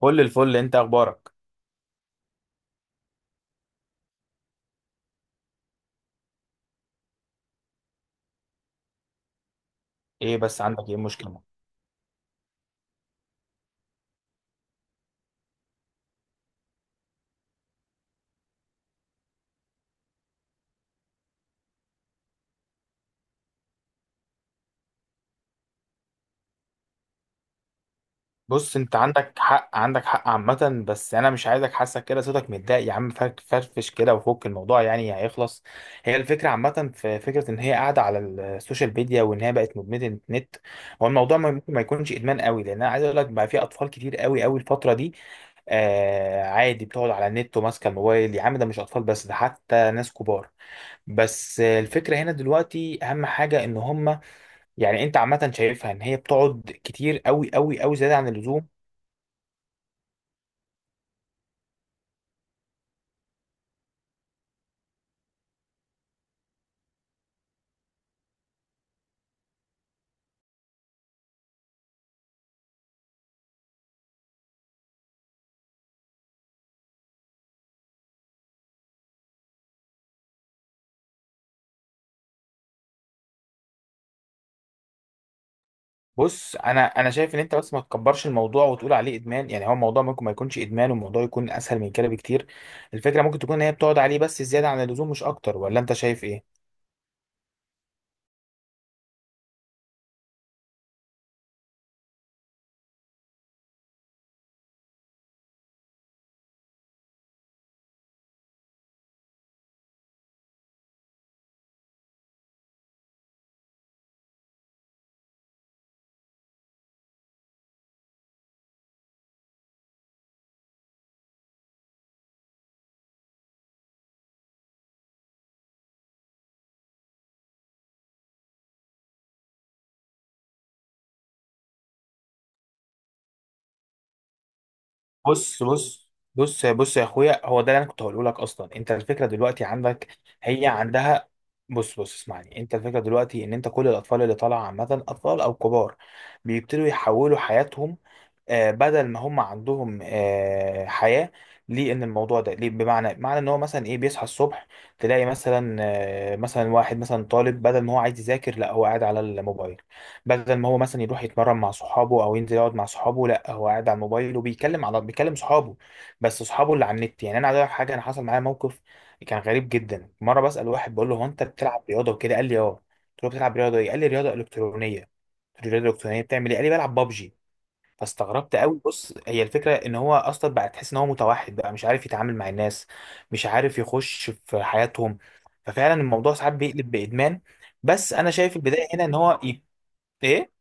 كل الفل. انت اخبارك؟ ايه بس، عندك ايه المشكله؟ بص، انت عندك حق، عامه، بس انا مش عايزك حاسك كده، صوتك متضايق. يا عم فرفش كده وفك الموضوع، يعني هيخلص. هي الفكره عامه، في فكره ان هي قاعده على السوشيال ميديا وان هي بقت مدمنه النت. هو الموضوع ممكن ما يكونش ادمان قوي، لان انا عايز اقول لك بقى في اطفال كتير قوي قوي الفتره دي. آه، عادي بتقعد على النت وماسكه الموبايل، يا عم ده مش اطفال بس، ده حتى ناس كبار. بس آه، الفكره هنا دلوقتي اهم حاجه ان هم، يعني انت عامه شايفها ان هي بتقعد كتير قوي قوي قوي زياده عن اللزوم. بص، انا شايف ان انت بس ما تكبرش الموضوع وتقول عليه ادمان، يعني هو الموضوع ممكن ما يكونش ادمان والموضوع يكون اسهل من كده بكتير. الفكره ممكن تكون ان هي بتقعد عليه بس زياده عن اللزوم مش اكتر، ولا انت شايف ايه؟ بص بص بص يا اخويا، هو ده اللي انا كنت هقوله لك اصلا، انت الفكره دلوقتي عندك، هي عندها. بص اسمعني، انت الفكره دلوقتي ان انت كل الاطفال اللي طالعه عامه، اطفال او كبار، بيبتدوا يحولوا حياتهم. آه، بدل ما هم عندهم آه، حياة للموضوع الموضوع ده ليه، بمعنى معنى ان هو مثلا ايه، بيصحى الصبح تلاقي مثلا آه، مثلا واحد مثلا طالب، بدل ما هو عايز يذاكر لا هو قاعد على الموبايل. بدل ما هو مثلا يروح يتمرن مع صحابه او ينزل يقعد مع صحابه، لا هو قاعد على الموبايل وبيتكلم على، بيكلم صحابه، بس صحابه اللي على النت. يعني انا عايز أقول لك حاجه، انا حصل معايا موقف كان غريب جدا. مره بسال واحد بقول له: هو انت بتلعب رياضه وكده؟ قال لي: اه. قلت له: بتلعب رياضه ايه؟ قال لي: رياضه الكترونيه. قلت له: رياضه الكترونيه بتعمل ايه؟ قال لي: بلعب بابجي. فاستغربت قوي. بص، هي الفكره ان هو اصلا بقى تحس ان هو متوحد بقى، مش عارف يتعامل مع الناس، مش عارف يخش في حياتهم. ففعلا الموضوع ساعات بيقلب بادمان. بس انا شايف البدايه هنا ان هو ايه.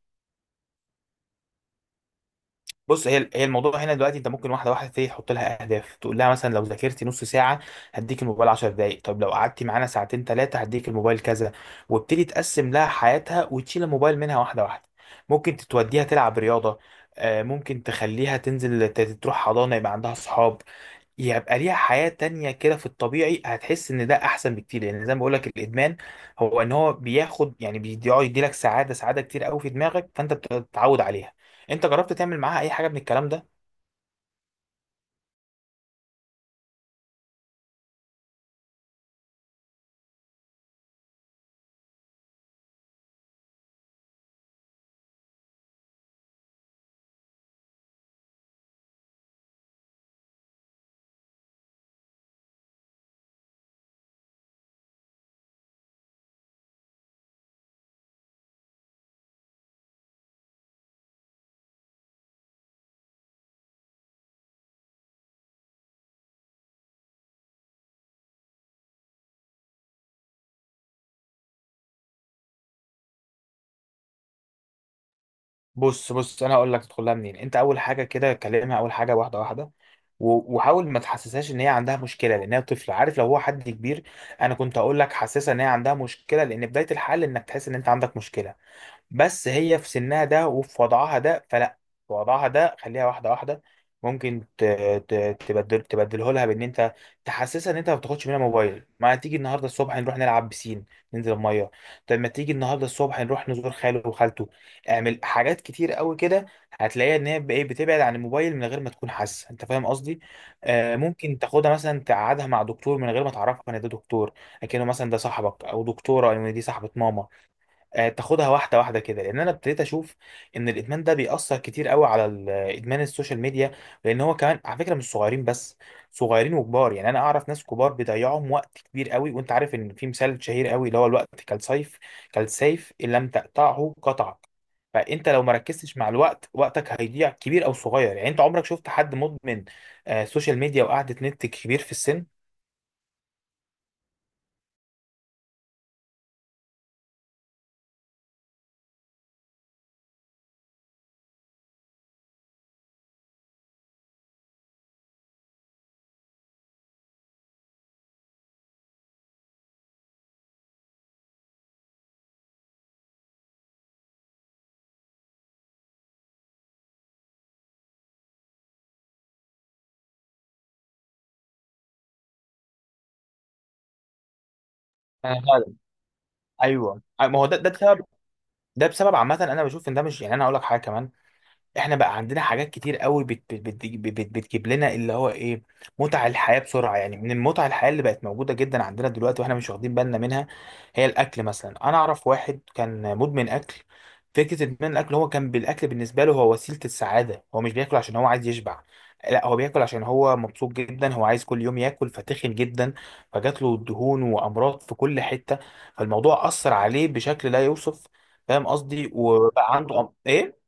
بص، هي الموضوع هنا دلوقتي انت ممكن واحده واحده تبتدي تحط لها اهداف. تقول لها مثلا: لو ذاكرتي نص ساعه هديك الموبايل 10 دقائق، طب لو قعدتي معانا ساعتين ثلاثه هديك الموبايل كذا. وابتدي تقسم لها حياتها وتشيل الموبايل منها واحده واحده. ممكن توديها تلعب رياضه، آه، ممكن تخليها تنزل تروح حضانه يبقى عندها صحاب، يبقى ليها حياة تانية كده في الطبيعي. هتحس ان ده احسن بكتير، لان زي ما بقولك الادمان هو ان هو بياخد، يعني بيقعد يديلك سعادة، سعادة كتير قوي في دماغك، فانت بتتعود عليها. انت جربت تعمل معاها اي حاجة من الكلام ده؟ بص انا هقول لك تدخلها منين. انت اول حاجة كده كلمها اول حاجة واحدة واحدة، وحاول ما تحسسهاش ان هي عندها مشكله، لان هي طفله، عارف؟ لو هو حد كبير انا كنت اقول لك حسسها ان هي عندها مشكله، لان بدايه الحل انك تحس ان انت عندك مشكله. بس هي في سنها ده وفي وضعها ده، فلا. في وضعها ده خليها واحده واحده. ممكن تبدل تبدله لها بان انت تحسسها ان انت ما بتاخدش منها موبايل. ما تيجي النهارده الصبح نروح نلعب بسين، ننزل الميه. طب ما تيجي النهارده الصبح نروح نزور خاله وخالته. اعمل حاجات كتير قوي كده، هتلاقيها ان هي ايه، بتبعد عن الموبايل من غير ما تكون حاسه. انت فاهم قصدي؟ آه، ممكن تاخدها مثلا تقعدها مع دكتور من غير ما تعرفها ان ده دكتور، لكنه مثلا ده صاحبك او دكتوره، او إن دي صاحبه ماما. آه، تاخدها واحده واحده كده، لان انا ابتديت اشوف ان الادمان ده بيأثر كتير قوي. على ادمان السوشيال ميديا، لان هو كمان على فكره مش صغيرين بس، صغيرين وكبار. يعني انا اعرف ناس كبار بيضيعهم وقت كبير قوي. وانت عارف ان في مثال شهير قوي اللي هو: الوقت كالسيف، كالسيف ان لم تقطعه قطعك. فانت لو ما ركزتش مع الوقت، وقتك هيضيع، كبير او صغير. يعني انت عمرك شفت حد مدمن، آه، سوشيال ميديا وقعدة نت، كبير في السن؟ انا فعلا، ايوه، ما هو ده بسبب، ده بسبب عامه. انا بشوف ان ده مش، يعني انا هقول لك حاجه كمان، احنا بقى عندنا حاجات كتير قوي بت، بتجيب لنا اللي هو ايه، متع الحياة بسرعة. يعني من المتع الحياة اللي بقت موجودة جدا عندنا دلوقتي واحنا مش واخدين بالنا منها، هي الاكل مثلا. انا اعرف واحد كان مدمن اكل. فكرة ادمان الاكل، هو كان بالاكل بالنسبة له هو وسيلة السعادة. هو مش بياكل عشان هو عايز يشبع، لا، هو بياكل عشان هو مبسوط جدا، هو عايز كل يوم ياكل، فتخن جدا. فجات له دهون وامراض في كل حتة، فالموضوع اثر عليه بشكل لا يوصف. فاهم قصدي؟ وبقى عنده ايه.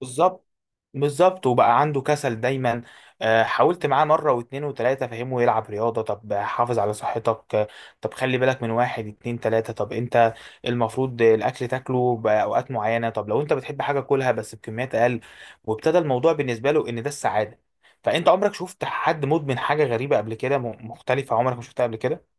بالظبط. بالظبط، وبقى عنده كسل دايما. آه، حاولت معاه مره واتنين وتلاته، فهمه يلعب رياضه، طب حافظ على صحتك، آه، طب خلي بالك من واحد اتنين تلاته، طب انت المفروض الاكل تاكله باوقات معينه، طب لو انت بتحب حاجه كلها بس بكميات اقل. وابتدى الموضوع بالنسبه له ان ده السعاده. فانت عمرك شفت حد مدمن حاجه غريبه قبل كده، مختلفه عمرك ما شفتها قبل كده؟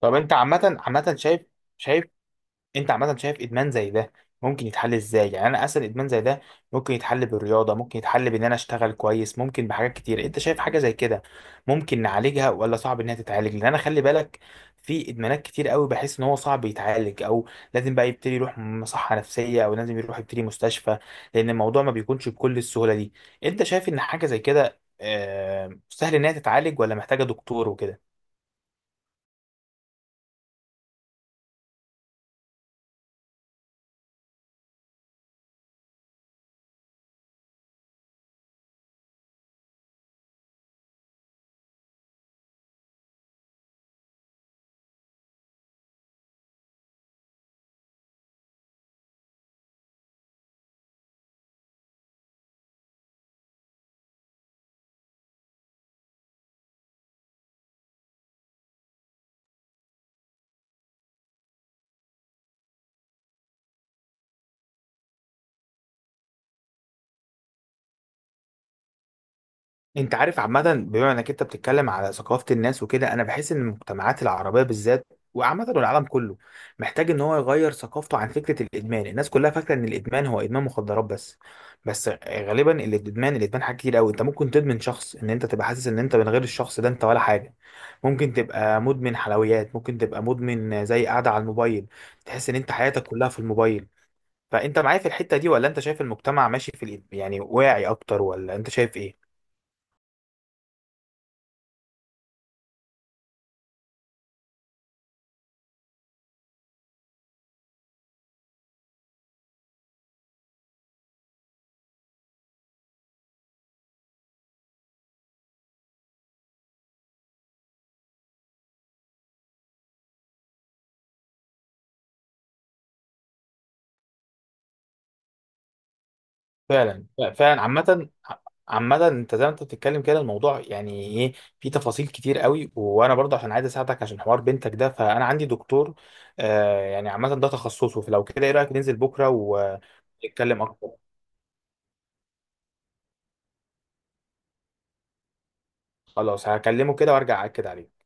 طب انت عامه شايف، انت عامه شايف ادمان زي ده ممكن يتحل ازاي؟ يعني انا اسال، ادمان زي ده ممكن يتحل بالرياضه، ممكن يتحل بان انا اشتغل كويس، ممكن بحاجات كتير. انت شايف حاجه زي كده ممكن نعالجها، ولا صعب انها تتعالج؟ لان انا خلي بالك، في ادمانات كتير قوي بحس ان هو صعب يتعالج، او لازم بقى يبتدي يروح مصحه نفسيه، او لازم يروح يبتدي مستشفى، لان الموضوع ما بيكونش بكل السهوله دي. انت شايف ان حاجه زي كده آه، سهل انها تتعالج، ولا محتاجه دكتور وكده؟ انت عارف عامة، بما انك انت بتتكلم على ثقافة الناس وكده، انا بحس ان المجتمعات العربية بالذات وعامة العالم كله محتاج ان هو يغير ثقافته عن فكرة الادمان. الناس كلها فاكرة ان الادمان هو ادمان مخدرات بس، بس غالبا الادمان حاجات كتير قوي. انت ممكن تدمن شخص، ان انت تبقى حاسس ان انت من غير الشخص ده انت ولا حاجة. ممكن تبقى مدمن حلويات، ممكن تبقى مدمن زي قاعدة على الموبايل، تحس ان انت حياتك كلها في الموبايل. فانت معايا في الحتة دي، ولا انت شايف المجتمع ماشي في يعني واعي اكتر، ولا انت شايف ايه؟ فعلا. فعلا. عامة انت زي ما انت بتتكلم كده، الموضوع يعني ايه، في تفاصيل كتير قوي. وانا برضه عشان عايز اساعدك عشان حوار بنتك ده، فانا عندي دكتور، آه، يعني عامة ده تخصصه. فلو كده ايه رأيك ننزل بكرة ونتكلم اكتر. خلاص، هكلمه كده وارجع اكد عليك.